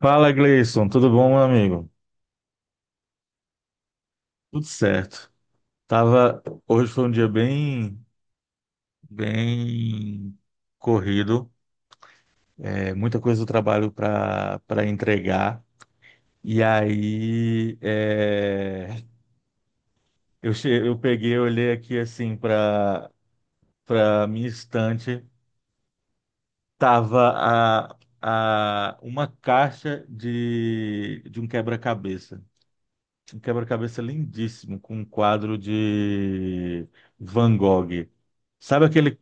Fala, Gleison, tudo bom, meu amigo? Tudo certo. Tava, hoje foi um dia bem, bem corrido. É, muita coisa do trabalho para entregar. E aí, eu peguei, olhei aqui assim para minha estante, tava a, a uma caixa de um quebra-cabeça. Um quebra-cabeça lindíssimo, com um quadro de Van Gogh. Sabe aquele,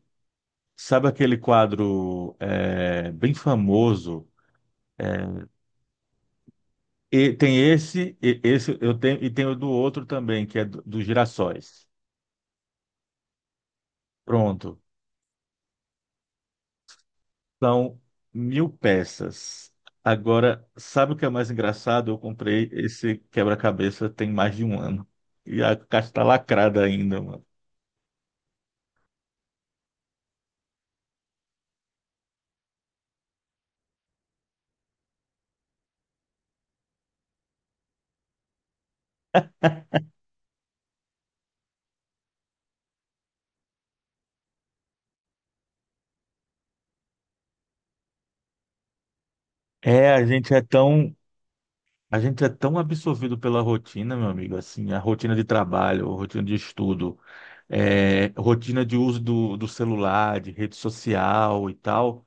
sabe aquele quadro bem famoso? Eh, E tem esse, esse eu tenho, e tem o do outro também, que é dos girassóis. Pronto. São mil peças. Agora, sabe o que é mais engraçado? Eu comprei esse quebra-cabeça tem mais de um ano. E a caixa está lacrada ainda, mano. É, a gente é tão, A gente é tão absorvido pela rotina, meu amigo, assim, a rotina de trabalho, a rotina de estudo, rotina de uso do celular, de rede social e tal,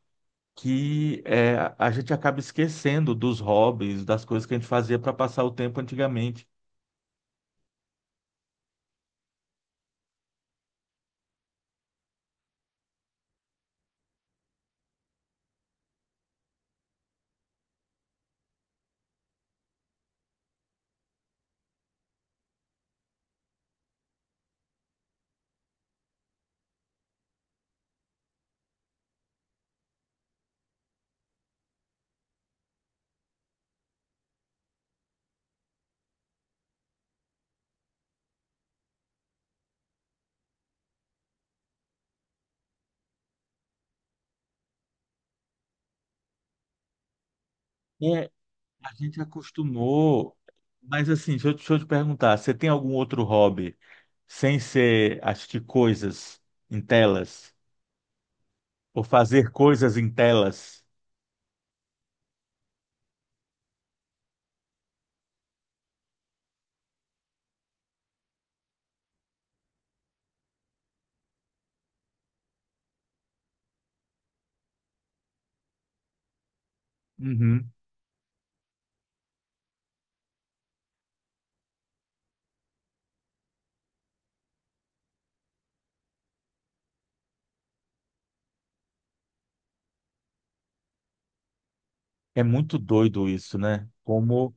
que a gente acaba esquecendo dos hobbies, das coisas que a gente fazia para passar o tempo antigamente. É, a gente acostumou, mas assim, deixa eu te perguntar, você tem algum outro hobby sem ser assistir coisas em telas ou fazer coisas em telas? É muito doido isso, né? Como...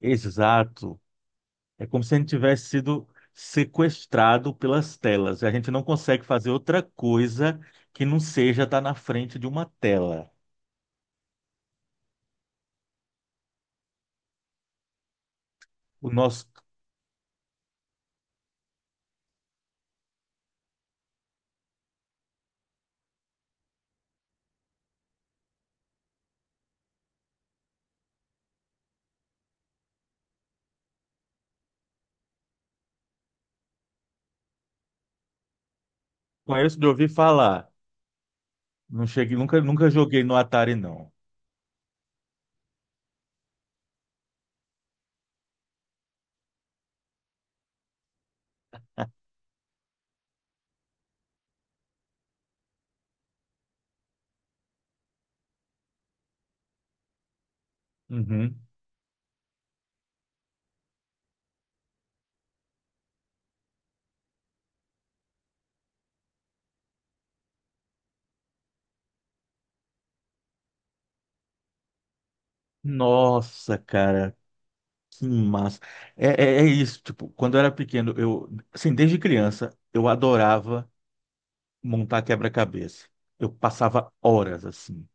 Exato. É como se a gente tivesse sido sequestrado pelas telas. A gente não consegue fazer outra coisa que não seja estar na frente de uma tela. O nosso... Conheço de ouvir falar. Não cheguei, nunca, nunca joguei no Atari, não. Uhum. Nossa, cara, que massa. É, é isso, tipo, quando eu era pequeno, eu, assim, desde criança, eu adorava montar quebra-cabeça. Eu passava horas assim.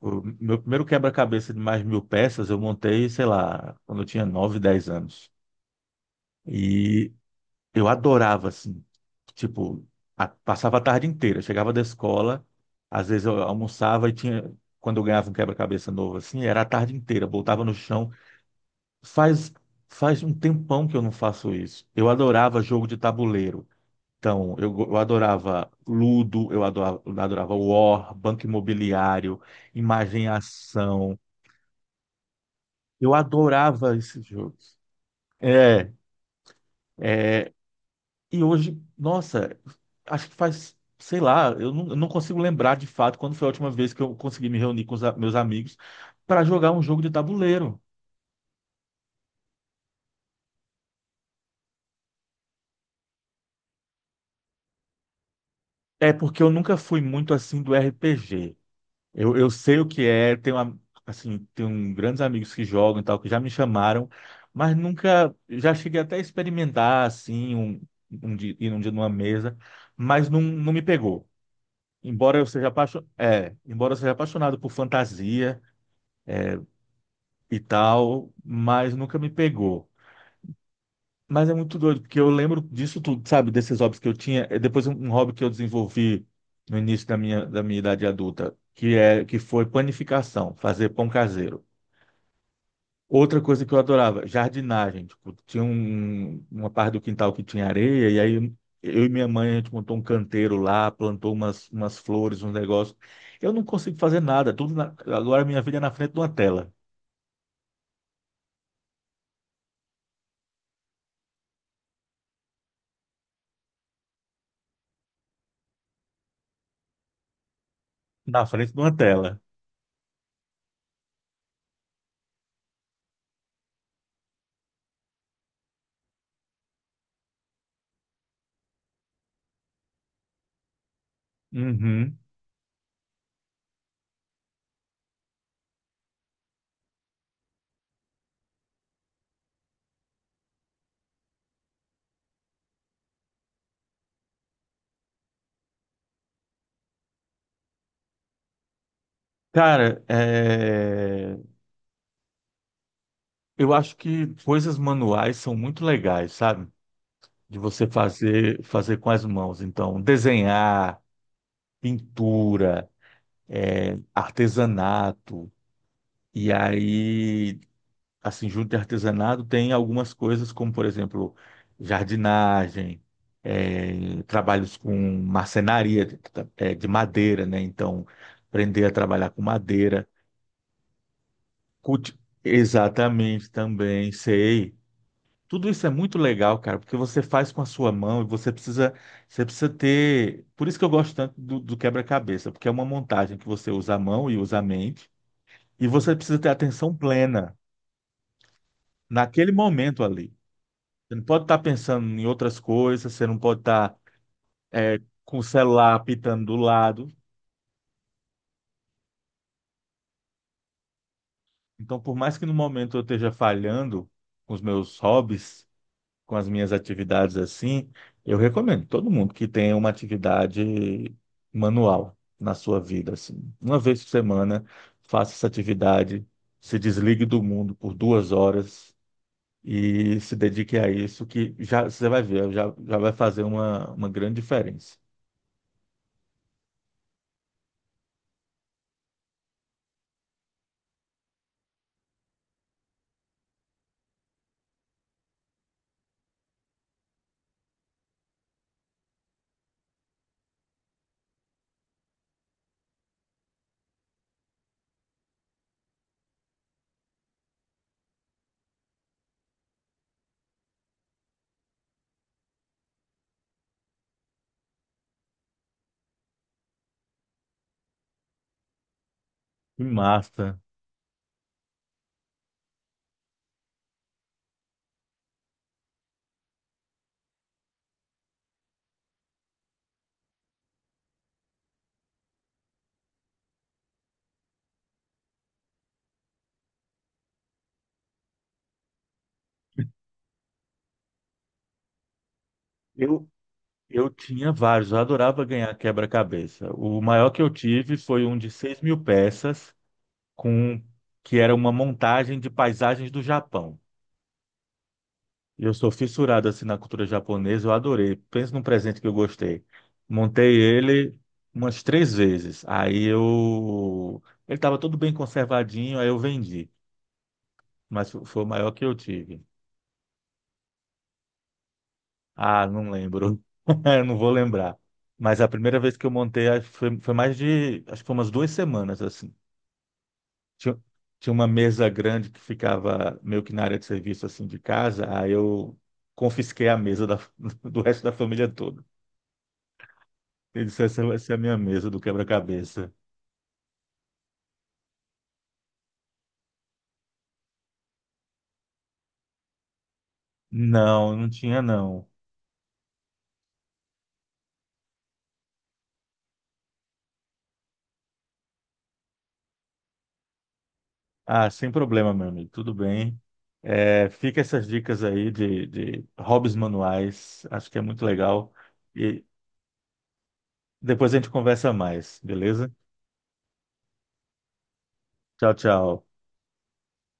O meu primeiro quebra-cabeça de mais de mil peças eu montei, sei lá, quando eu tinha 9 10 anos. E eu adorava, assim. Tipo, passava a tarde inteira. Chegava da escola, às vezes eu almoçava e tinha. Quando eu ganhava um quebra-cabeça novo, assim, era a tarde inteira. Botava no chão. Faz, faz um tempão que eu não faço isso. Eu adorava jogo de tabuleiro. Então, eu adorava Ludo, eu adorava War, Banco Imobiliário, Imagem e Ação. Eu adorava esses jogos. É, é, e hoje, nossa, acho que faz, sei lá, eu não consigo lembrar de fato quando foi a última vez que eu consegui me reunir com os meus amigos para jogar um jogo de tabuleiro. É porque eu nunca fui muito assim do RPG. Eu sei o que é, assim, tenho grandes amigos que jogam e tal, que já me chamaram, mas nunca, já cheguei até a experimentar assim, ir um dia numa mesa, mas não me pegou. Embora eu seja apaixonado por fantasia e tal, mas nunca me pegou. Mas é muito doido, porque eu lembro disso tudo, sabe? Desses hobbies que eu tinha. Depois um hobby que eu desenvolvi no início da minha idade adulta, que foi panificação, fazer pão caseiro. Outra coisa que eu adorava, jardinagem. Tipo, tinha uma parte do quintal que tinha areia, e aí eu e minha mãe, a gente montou um canteiro lá, plantou umas flores, uns negócios. Eu não consigo fazer nada, agora minha vida é na frente de uma tela. Na frente de uma tela. Uhum. Cara, eu acho que coisas manuais são muito legais, sabe? De você fazer com as mãos. Então, desenhar, pintura, artesanato. E aí, assim, junto de artesanato, tem algumas coisas como, por exemplo, jardinagem, trabalhos com marcenaria de madeira, né? Então, aprender a trabalhar com madeira. Culti... Exatamente, também, sei. Tudo isso é muito legal, cara, porque você faz com a sua mão e você precisa ter. Por isso que eu gosto tanto do quebra-cabeça, porque é uma montagem que você usa a mão e usa a mente, e você precisa ter atenção plena naquele momento ali. Você não pode estar pensando em outras coisas, você não pode estar é, com o celular apitando do lado. Então, por mais que no momento eu esteja falhando com os meus hobbies, com as minhas atividades assim, eu recomendo todo mundo que tenha uma atividade manual na sua vida, assim. Uma vez por semana, faça essa atividade, se desligue do mundo por 2 horas e se dedique a isso, que já você vai ver, já vai fazer uma grande diferença. Que massa! Eu, Eu tinha vários, eu adorava ganhar quebra-cabeça. O maior que eu tive foi um de 6.000 peças, com que era uma montagem de paisagens do Japão. E eu sou fissurado assim na cultura japonesa, eu adorei. Pensa num presente que eu gostei. Montei ele umas 3 vezes. Aí eu... Ele estava todo bem conservadinho, aí eu vendi. Mas foi o maior que eu tive. Ah, não lembro. Eu não vou lembrar. Mas a primeira vez que eu montei acho que foi umas 2 semanas, assim. tinha, tinha uma mesa grande que ficava meio que na área de serviço assim de casa, aí eu confisquei a mesa do resto da família toda. Ele disse, essa vai ser a minha mesa do quebra-cabeça. Não, não tinha não. Ah, sem problema, meu amigo, tudo bem. É, fica essas dicas aí de hobbies manuais, acho que é muito legal. E depois a gente conversa mais, beleza? Tchau, tchau.